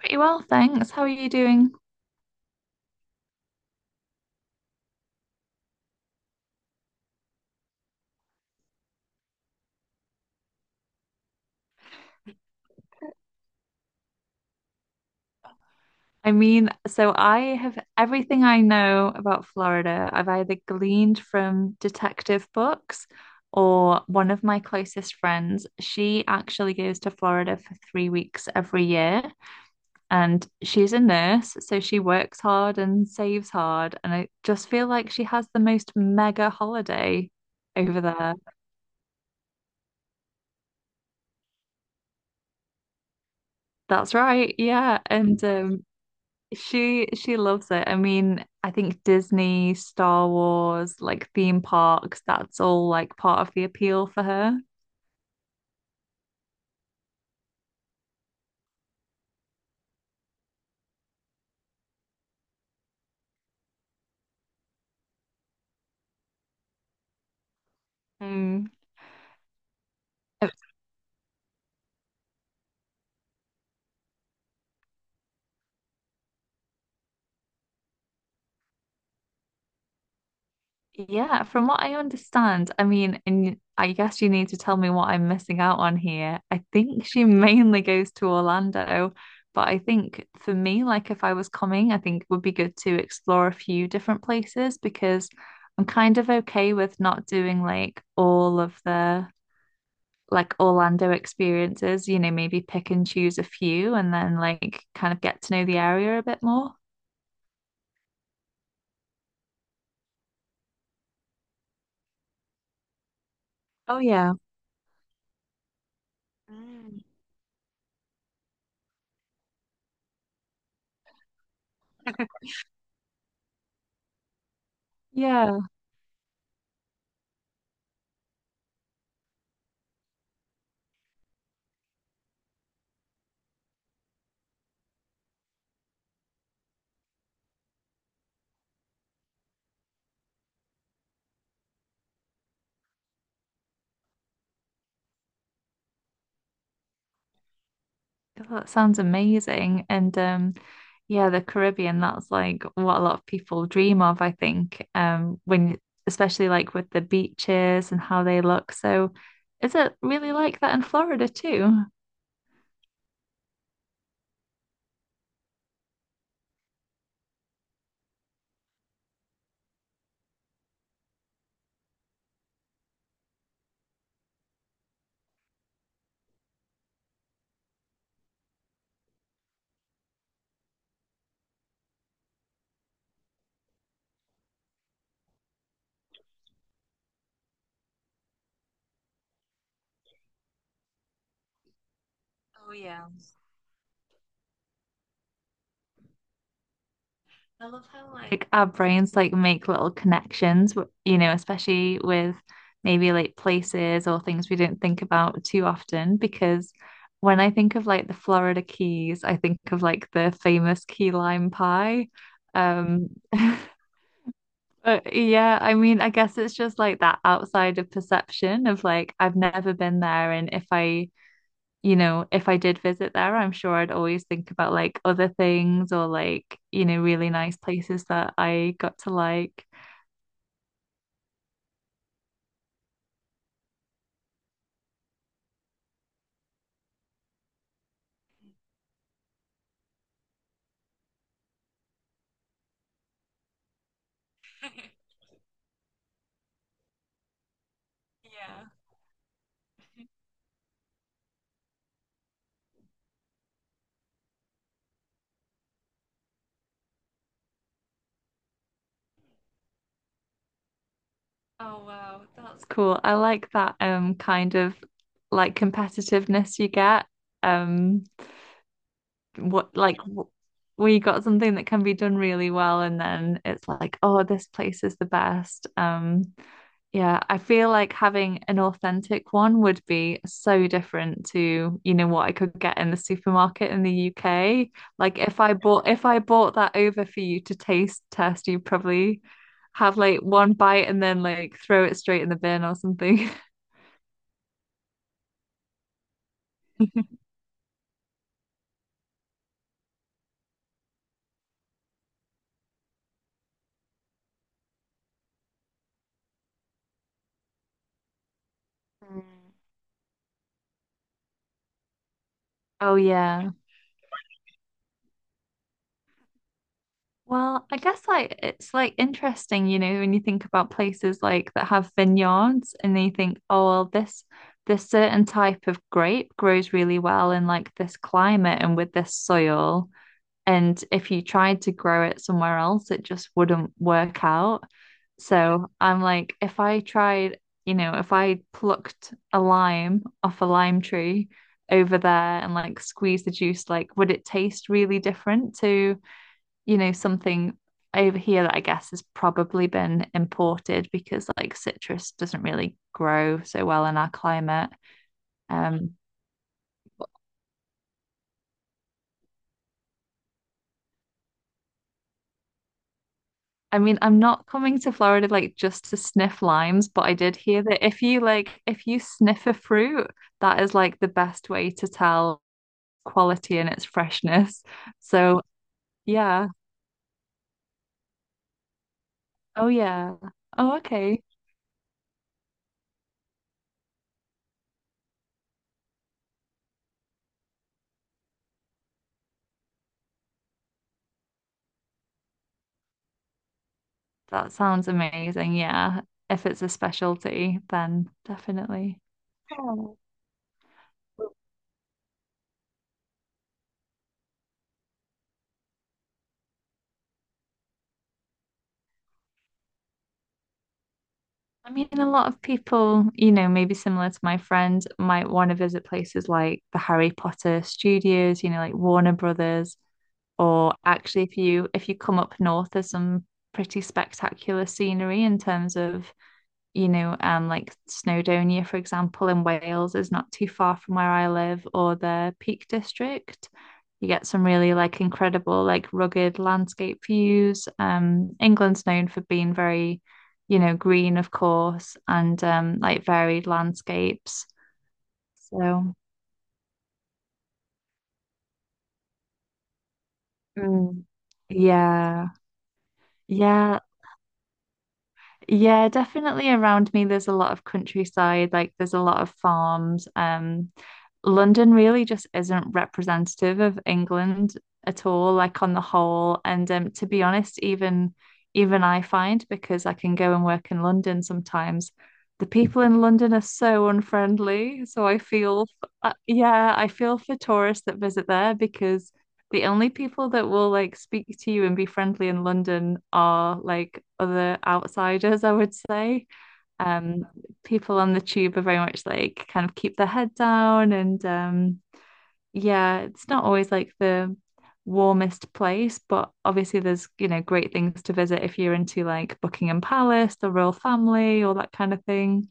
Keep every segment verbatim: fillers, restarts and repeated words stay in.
Pretty well, thanks. How are you doing? I mean, so I have everything I know about Florida, I've either gleaned from detective books or one of my closest friends. She actually goes to Florida for three weeks every year, and she's a nurse, so she works hard and saves hard. And I just feel like she has the most mega holiday over there. That's right, yeah. And um, She she loves it. I mean, I think Disney, Star Wars, like theme parks, that's all like part of the appeal for her. Um, uh, yeah, from what I understand. I mean, and I guess you need to tell me what I'm missing out on here. I think she mainly goes to Orlando, but I think for me, like if I was coming, I think it would be good to explore a few different places, because I'm kind of okay with not doing like all of the like Orlando experiences, you know, maybe pick and choose a few and then like kind of get to know the area a bit more. Oh yeah. Mm. Yeah. Oh, that sounds amazing. And um Yeah, the Caribbean, that's like what a lot of people dream of, I think. Um, when especially like with the beaches and how they look. So is it really like that in Florida too? Like our brains like make little connections, you know, especially with maybe like places or things we don't think about too often. Because when I think of like the Florida Keys, I think of like the famous key lime pie. Um, but yeah, I mean, I guess it's just like that outside of perception of like I've never been there, and if I you know, if I did visit there, I'm sure I'd always think about like other things or like, you know, really nice places that I got to like. Yeah. Oh, wow. That's cool. I like that um kind of like competitiveness you get. Um what like w- we got something that can be done really well, and then it's like, oh, this place is the best. Um, yeah, I feel like having an authentic one would be so different to, you know, what I could get in the supermarket in the U K. Like if I bought if I bought that over for you to taste test, you'd probably have like one bite and then like throw it straight in the bin or something. Mm. Oh yeah. Well, I guess like it's like interesting, you know, when you think about places like that have vineyards, and then you think, oh well, this this certain type of grape grows really well in like this climate and with this soil. And if you tried to grow it somewhere else, it just wouldn't work out. So I'm like, if I tried, you know, if I plucked a lime off a lime tree over there and like squeezed the juice, like would it taste really different to you know, something over here that I guess has probably been imported, because like citrus doesn't really grow so well in our climate. Um, I mean, I'm not coming to Florida like just to sniff limes, but I did hear that if you like if you sniff a fruit, that is like the best way to tell quality and its freshness. So, yeah. Oh yeah. Oh, okay. That sounds amazing. Yeah. If it's a specialty, then definitely. Oh. I mean, a lot of people, you know, maybe similar to my friend, might want to visit places like the Harry Potter studios, you know, like Warner Brothers, or actually if you if you come up north, there's some pretty spectacular scenery in terms of you know, um, like Snowdonia, for example. In Wales is not too far from where I live, or the Peak District. You get some really like incredible, like rugged landscape views. Um, England's known for being very, you know, green, of course, and um, like varied landscapes. So, mm, yeah, yeah. Yeah, definitely around me there's a lot of countryside, like there's a lot of farms. Um, London really just isn't representative of England at all, like on the whole. And um, to be honest, even even I find, because I can go and work in London sometimes, the people in London are so unfriendly. So I feel, f- uh, yeah, I feel for tourists that visit there, because the only people that will like speak to you and be friendly in London are like other outsiders, I would say. Um, people on the tube are very much like kind of keep their head down, and um, yeah, it's not always like the warmest place, but obviously there's, you know, great things to visit if you're into like Buckingham Palace, the royal family, all that kind of thing.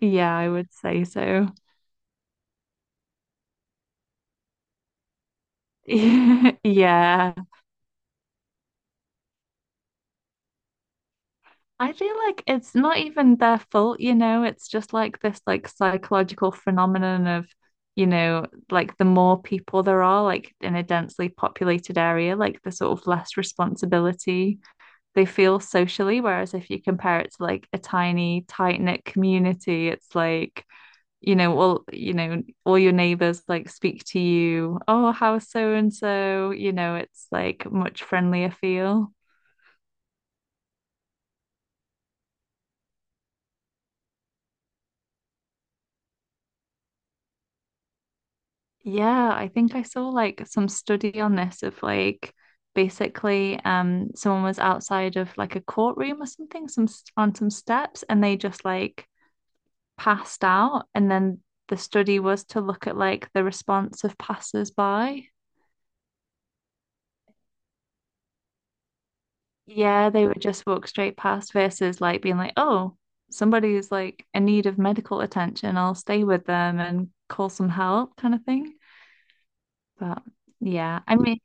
Yeah, I would say so. Yeah. I feel like it's not even their fault, you know, it's just like this like psychological phenomenon of, you know, like the more people there are like in a densely populated area, like the sort of less responsibility they feel socially. Whereas if you compare it to like a tiny, tight-knit community, it's like, you know, all you know, all your neighbors like speak to you, oh, how's so and so? You know, it's like much friendlier feel. Yeah, I think I saw like some study on this of like basically um someone was outside of like a courtroom or something, some on some steps, and they just like passed out, and then the study was to look at like the response of passers-by. Yeah, they would just walk straight past versus like being like, oh, somebody is like in need of medical attention. I'll stay with them and call some help kind of thing. But yeah, I mean,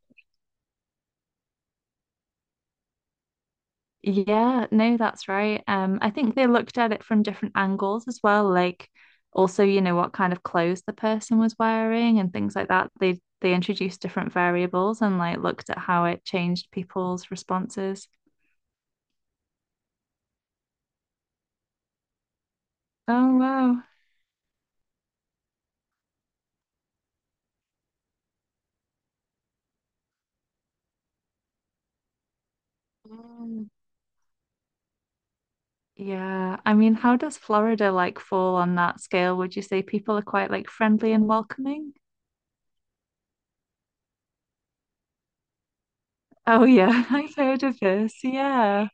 yeah, no, that's right. Um, I think they looked at it from different angles as well, like also, you know, what kind of clothes the person was wearing and things like that. They they introduced different variables and like looked at how it changed people's responses. Oh, wow. Mm. Yeah. I mean, how does Florida like fall on that scale? Would you say people are quite like friendly and welcoming? Oh, yeah, I've heard of this. Yeah.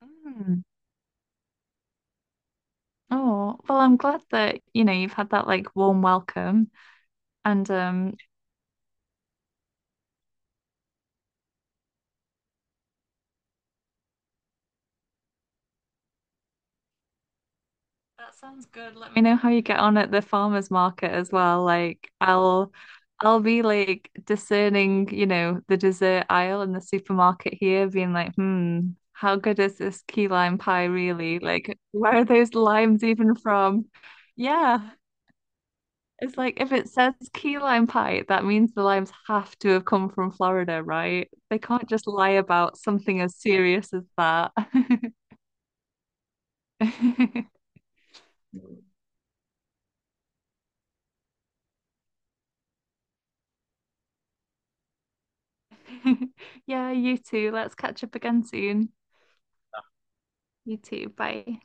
Mm. Oh, well, I'm glad that, you know, you've had that like warm welcome. And um, that sounds good. Let me know how you get on at the farmers market as well. Like I'll I'll be like discerning, you know, the dessert aisle in the supermarket here, being like, hmm, how good is this key lime pie really? Like, where are those limes even from? Yeah. It's like if it says key lime pie, that means the limes have to have come from Florida, right? They can't just lie about something as serious as that. Yeah, you too. Let's catch up again soon. You too. Bye.